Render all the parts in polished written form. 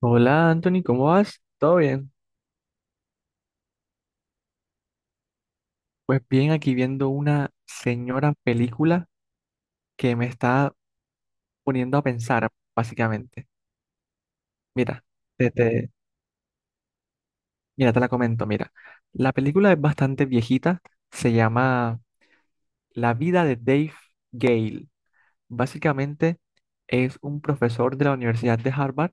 Hola Anthony, ¿cómo vas? ¿Todo bien? Pues bien, aquí viendo una señora película que me está poniendo a pensar, básicamente. Mira, te, te- mira, te la comento, mira. La película es bastante viejita, se llama La vida de Dave Gale. Básicamente es un profesor de la Universidad de Harvard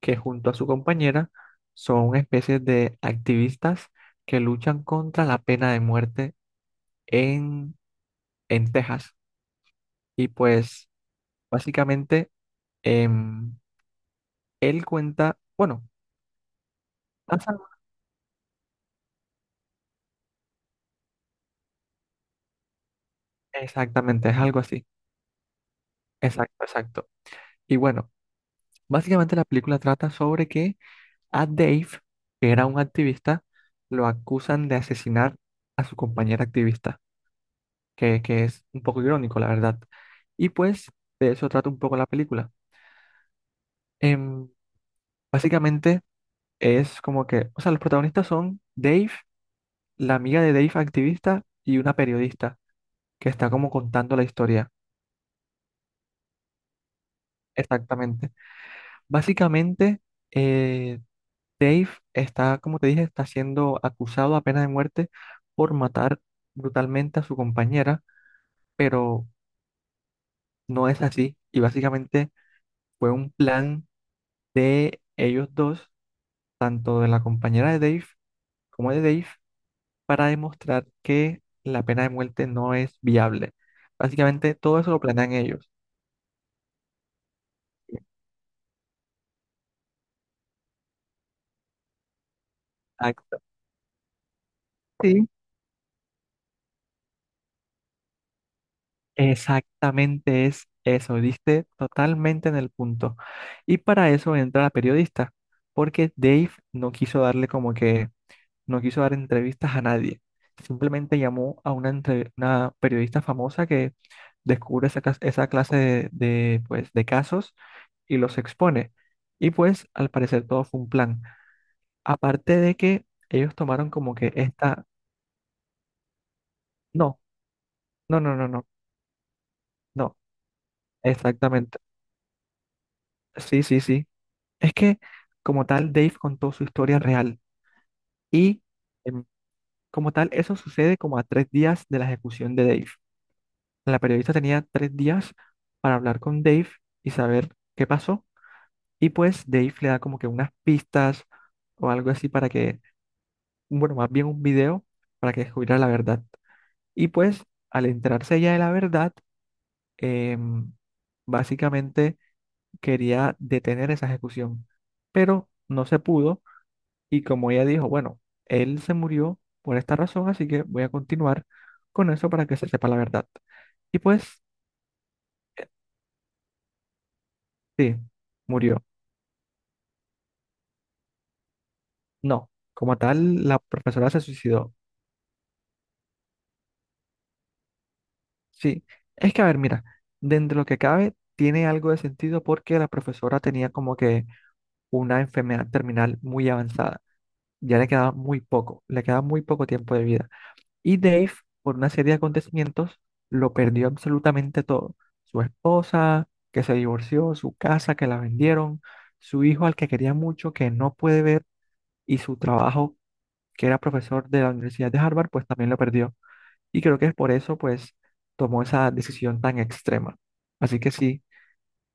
que junto a su compañera son una especie de activistas que luchan contra la pena de muerte en, en Texas. Y pues básicamente, em, él cuenta, bueno, pasa- exactamente, es algo así. Exacto, exacto. Y bueno, básicamente la película trata sobre que a Dave, que era un activista, lo acusan de asesinar a su compañera activista, que es un poco irónico, la verdad. Y pues de eso trata un poco la película. Em, básicamente es como que, o sea, los protagonistas son Dave, la amiga de Dave activista y una periodista que está como contando la historia. Exactamente. Básicamente, eh, Dave está, como te dije, está siendo acusado a pena de muerte por matar brutalmente a su compañera, pero no es así. Y básicamente fue un plan de ellos dos, tanto de la compañera de Dave como de Dave, para demostrar que la pena de muerte no es viable. Básicamente, todo eso lo planean ellos. Exacto, sí. Exactamente es eso, diste totalmente en el punto. Y para eso entra la periodista, porque Dave no quiso darle como que, no quiso dar entrevistas a nadie. Simplemente llamó a una, una periodista famosa que descubre esa, esa clase de, pues, de casos y los expone. Y pues al parecer todo fue un plan. Aparte de que ellos tomaron como que esta... No, no, no, no, no, no, exactamente. Sí, sí, sí. Es que como tal, Dave contó su historia real y em, como tal, eso sucede como a tres días de la ejecución de Dave. La periodista tenía tres días para hablar con Dave y saber qué pasó. Y pues Dave le da como que unas pistas o algo así para que, bueno, más bien un video para que descubriera la verdad. Y pues al enterarse ella de la verdad, em, básicamente quería detener esa ejecución, pero no se pudo. Y como ella dijo, bueno, él se murió por esta razón, así que voy a continuar con eso para que se sepa la verdad. Y pues, eh, sí, murió. No, como tal, la profesora se suicidó. Sí, es que a ver, mira, dentro de lo que cabe, tiene algo de sentido porque la profesora tenía como que una enfermedad terminal muy avanzada. Ya le quedaba muy poco, le quedaba muy poco tiempo de vida. Y Dave, por una serie de acontecimientos, lo perdió absolutamente todo. Su esposa, que se divorció, su casa, que la vendieron, su hijo al que quería mucho, que no puede ver, y su trabajo, que era profesor de la Universidad de Harvard, pues también lo perdió. Y creo que es por eso, pues, tomó esa decisión tan extrema. Así que sí,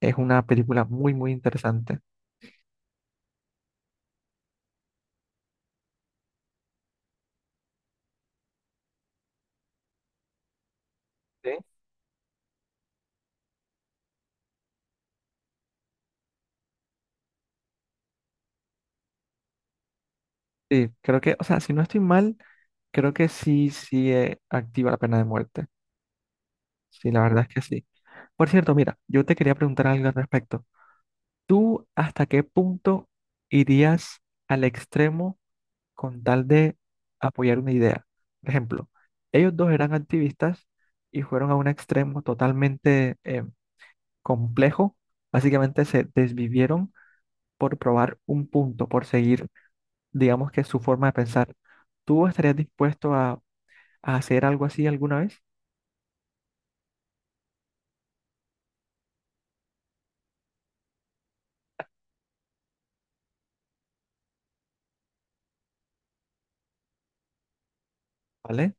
es una película muy, muy interesante. Sí, sí, creo que, o sea, si no estoy mal, creo que sí, sí, activa la pena de muerte. Sí, la verdad es que sí. Por cierto, mira, yo te quería preguntar algo al respecto. ¿Tú hasta qué punto irías al extremo con tal de apoyar una idea? Por ejemplo, ellos dos eran activistas y fueron a un extremo totalmente complejo. Básicamente se desvivieron por probar un punto, por seguir, digamos que su forma de pensar. ¿Tú estarías dispuesto a hacer algo así alguna vez? ¿Vale?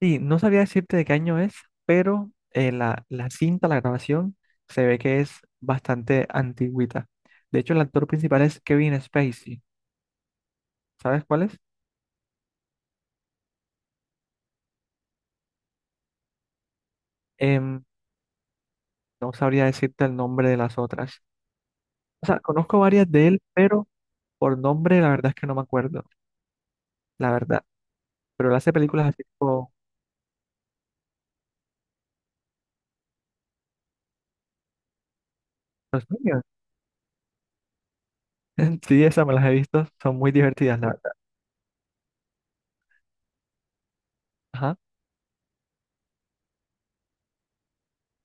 Sí, no sabía decirte de qué año es, pero la, la cinta, la grabación, se ve que es bastante antigüita. De hecho, el actor principal es Kevin Spacey. ¿Sabes cuál es? Em, no sabría decirte el nombre de las otras. O sea, conozco varias de él, pero por nombre la verdad es que no me acuerdo, la verdad. Pero él hace películas así como Los Minions. Sí, esas me las he visto, son muy divertidas, la verdad. Ajá,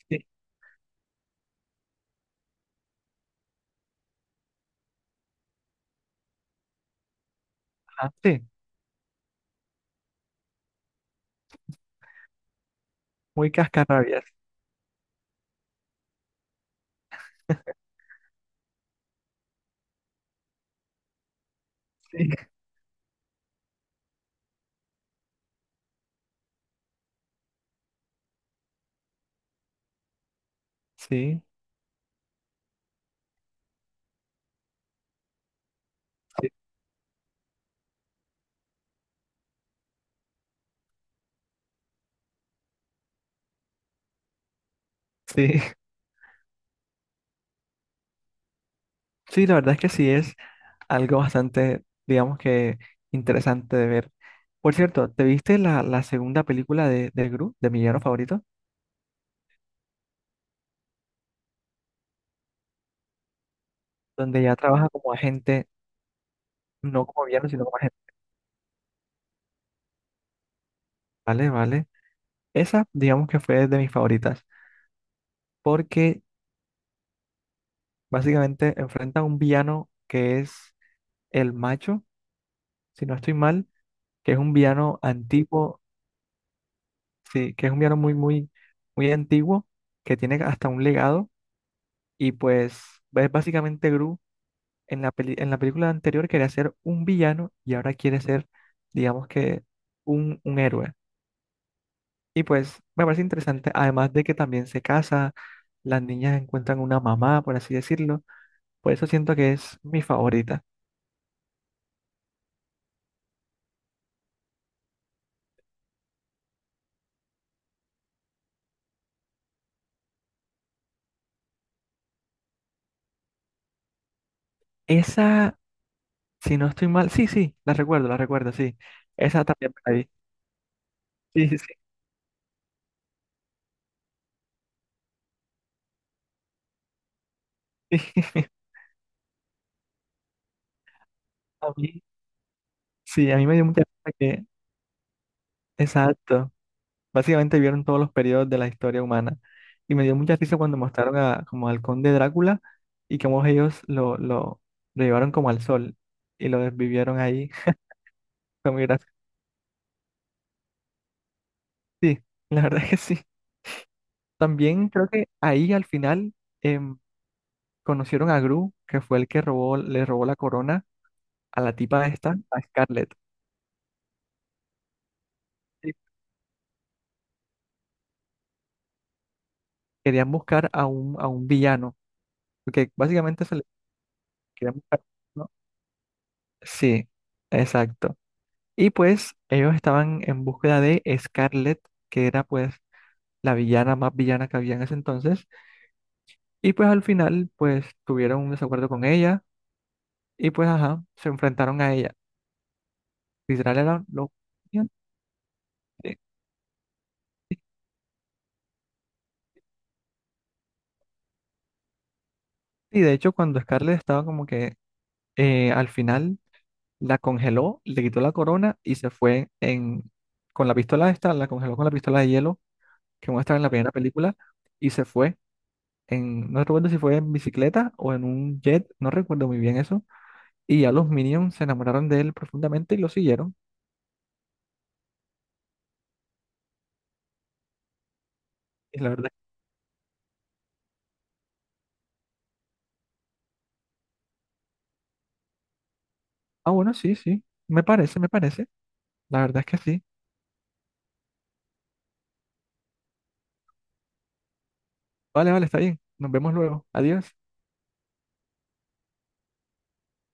sí, ajá, sí, muy cascarrabias. Sí, sí, sí, sí. Sí, la verdad es que sí es, algo bastante, digamos que interesante de ver. Por cierto, ¿te viste la, la segunda película de Gru, de mi villano favorito? Donde ya trabaja como agente, no como villano, sino como agente. Vale, vale. Esa, digamos que fue de mis favoritas, porque básicamente enfrenta a un villano que es el macho, si no estoy mal, que es un villano antiguo, sí, que es un villano muy, muy, muy antiguo, que tiene hasta un legado, y pues es básicamente Gru en la en la película anterior quería ser un villano y ahora quiere ser, digamos que, un héroe. Y pues me parece interesante, además de que también se casa, las niñas encuentran una mamá, por así decirlo. Por eso siento que es mi favorita. Esa, si no estoy mal, sí, sí, la recuerdo, sí. Esa también me la vi. Sí, sí, sí. A mí, sí, a mí me dio mucha pena que, exacto. Básicamente vieron todos los periodos de la historia humana. Y me dio mucha risa cuando mostraron a, como al conde Drácula y cómo ellos lo llevaron como al sol y lo desvivieron ahí. Fue muy gracioso. Sí, la verdad es que sí. También creo que ahí al final em, conocieron a Gru, que fue el que robó, le robó la corona a la tipa esta, a Scarlett. Y querían buscar a un villano, porque básicamente se le querían buscar, ¿no? Sí, exacto. Y pues ellos estaban en búsqueda de Scarlett, que era pues la villana más villana que había en ese entonces. Y pues al final pues tuvieron un desacuerdo con ella y pues ajá, se enfrentaron a ella. Literal era lo... Y de hecho cuando Scarlett estaba como que al final la congeló, le quitó la corona y se fue en... con la pistola esta, la congeló con la pistola de hielo que muestra en la primera película y se fue en... No recuerdo si fue en bicicleta o en un jet, no recuerdo muy bien eso. Y ya los Minions se enamoraron de él profundamente y lo siguieron. Y la verdad, ah, bueno, sí, sí, me parece, me parece. La verdad es que sí. Vale, vale, está bien. Nos vemos luego. Adiós.